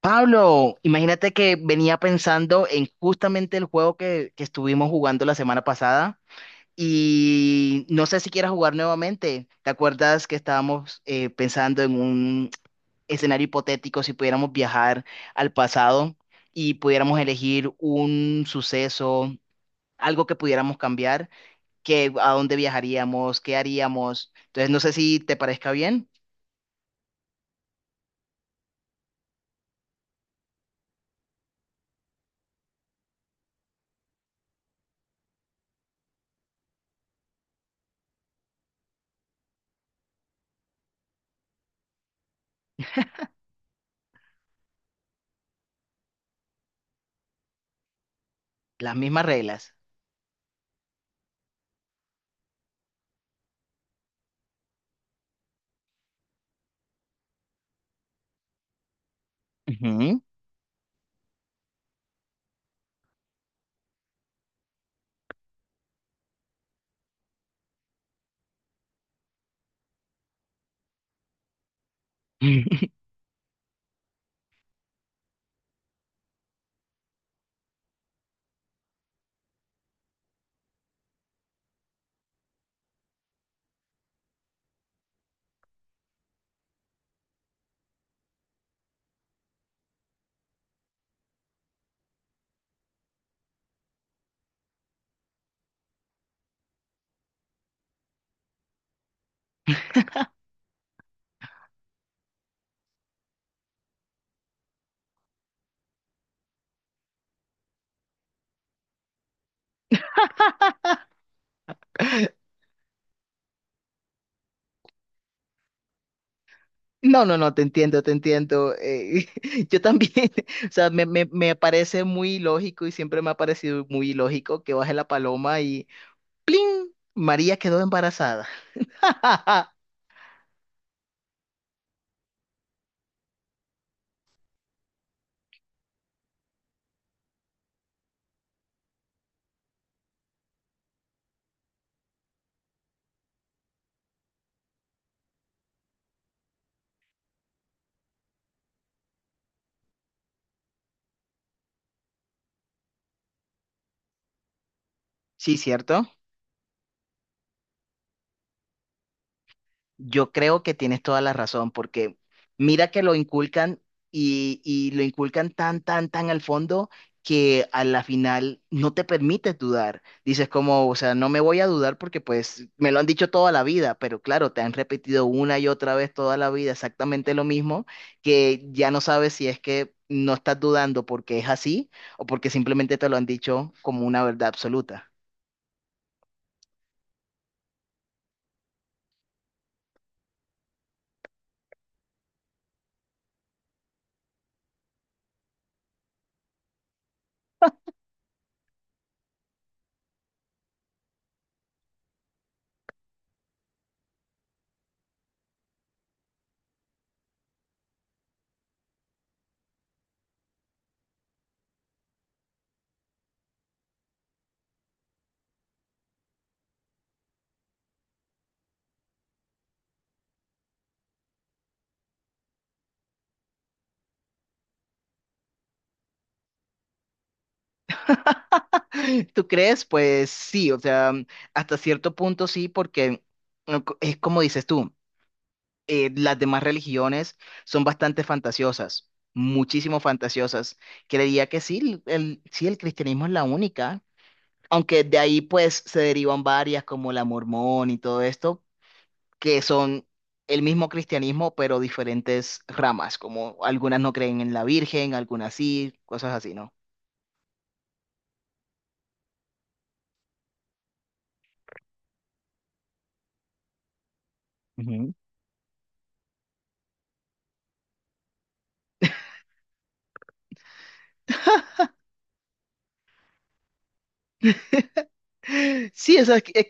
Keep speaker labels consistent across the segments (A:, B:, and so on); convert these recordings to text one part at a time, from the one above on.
A: Pablo, imagínate que venía pensando en justamente el juego que estuvimos jugando la semana pasada y no sé si quieras jugar nuevamente. ¿Te acuerdas que estábamos pensando en un escenario hipotético si pudiéramos viajar al pasado y pudiéramos elegir un suceso, algo que pudiéramos cambiar? Qué, a dónde viajaríamos, qué haríamos. Entonces, no sé si te parezca bien. Las mismas reglas. Ujú. No, no, no, te entiendo, te entiendo. Yo también, o sea, me parece muy lógico y siempre me ha parecido muy lógico que baje la paloma y ¡plin!, María quedó embarazada. Sí, ¿cierto? Yo creo que tienes toda la razón, porque mira que lo inculcan y lo inculcan tan al fondo que a la final no te permites dudar. Dices como, o sea, no me voy a dudar porque pues me lo han dicho toda la vida, pero claro, te han repetido una y otra vez toda la vida exactamente lo mismo, que ya no sabes si es que no estás dudando porque es así o porque simplemente te lo han dicho como una verdad absoluta. ¿Tú crees? Pues sí, o sea, mm, hasta cierto punto sí, porque no co- es como dices tú, las demás religiones son bastante fantasiosas, muchísimo fantasiosas. Creería que sí, sí, el cristianismo es la única, aunque de ahí pues se derivan varias como la mormón y todo esto, que son el mismo cristianismo, pero diferentes ramas, como algunas no creen en la Virgen, algunas sí, cosas así, ¿no? Ujú. Sí, o sea, es,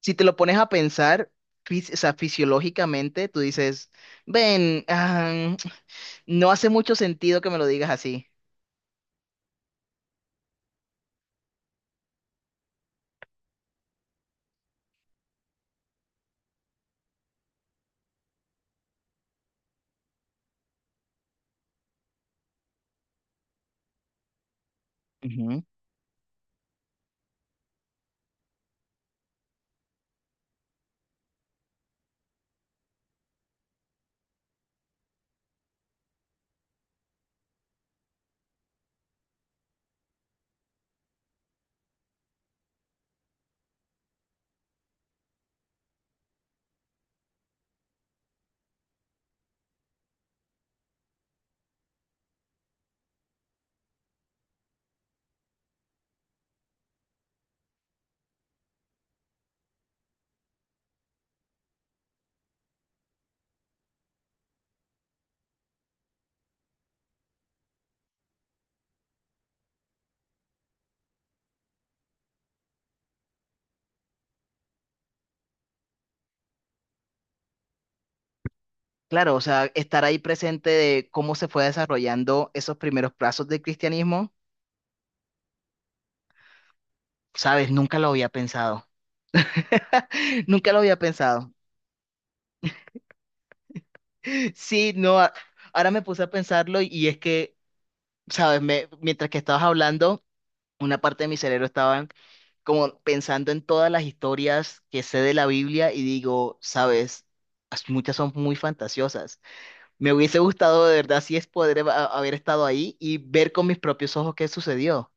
A: si te lo pones a pensar, o sea, fisiológicamente, tú dices, ven, ah, no hace mucho sentido que me lo digas así. Ujú. Claro, o sea, estar ahí presente de cómo se fue desarrollando esos primeros plazos del cristianismo, sabes, nunca lo había pensado. Nunca lo había pensado. Sí, no, ahora me puse a pensarlo y es que, sabes, me, mientras que estabas hablando, una parte de mi cerebro estaba como pensando en todas las historias que sé de la Biblia y digo, sabes, muchas son muy fantasiosas. Me hubiese gustado de verdad si es poder haber estado ahí y ver con mis propios ojos qué sucedió.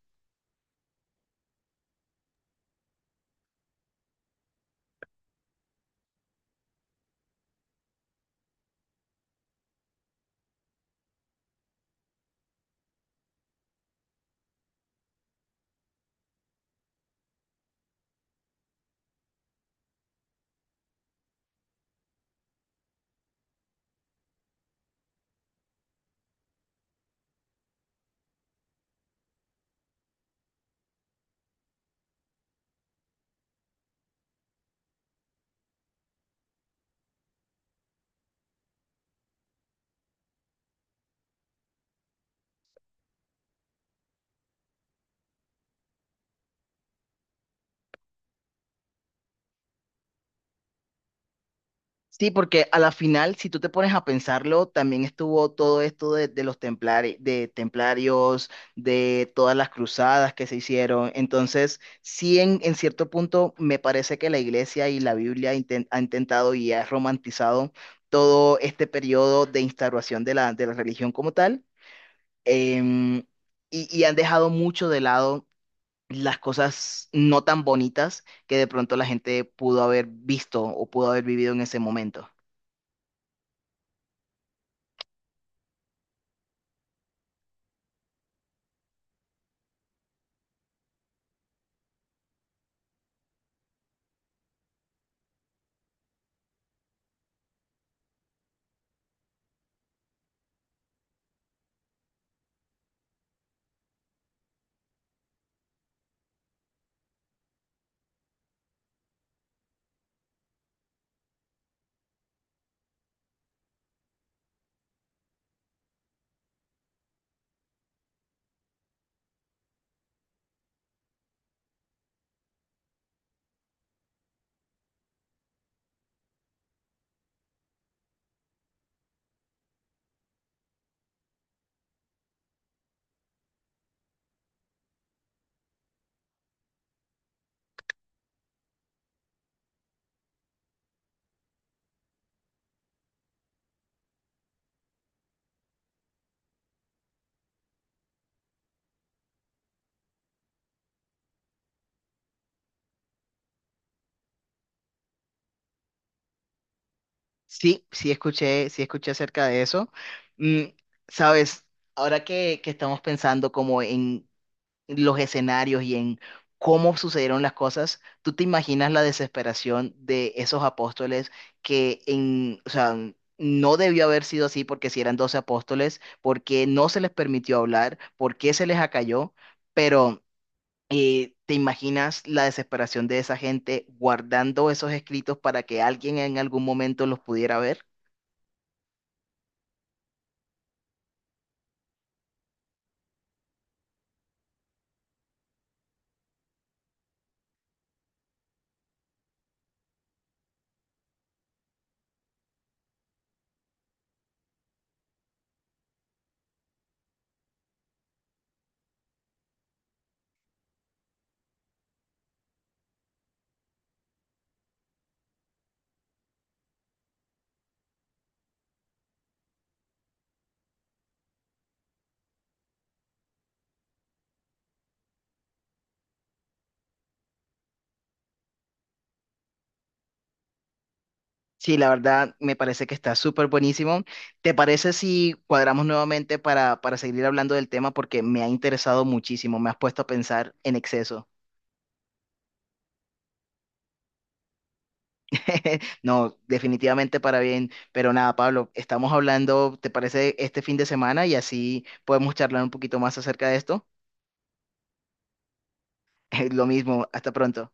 A: Sí, porque a la final, si tú te pones a pensarlo, también estuvo todo esto de los de templarios, de todas las cruzadas que se hicieron. Entonces, sí, en cierto punto, me parece que la iglesia y la Biblia ha intentado y ha romantizado todo este periodo de instauración de de la religión como tal. em, y han dejado mucho de lado las cosas no tan bonitas que de pronto la gente pudo haber visto o pudo haber vivido en ese momento. Sí, sí escuché acerca de eso. Mm, sabes, ahora que estamos pensando como en los escenarios y en cómo sucedieron las cosas, ¿tú te imaginas la desesperación de esos apóstoles que en, o sea, no debió haber sido así porque si eran 12 apóstoles, porque no se les permitió hablar, porque se les acalló, pero ¿te imaginas la desesperación de esa gente guardando esos escritos para que alguien en algún momento los pudiera ver? Sí, la verdad me parece que está súper buenísimo. ¿Te parece si cuadramos nuevamente para seguir hablando del tema? Porque me ha interesado muchísimo, me has puesto a pensar en exceso. No, definitivamente para bien, pero nada, Pablo, estamos hablando, ¿te parece este fin de semana? Y así podemos charlar un poquito más acerca de esto. Lo mismo, hasta pronto.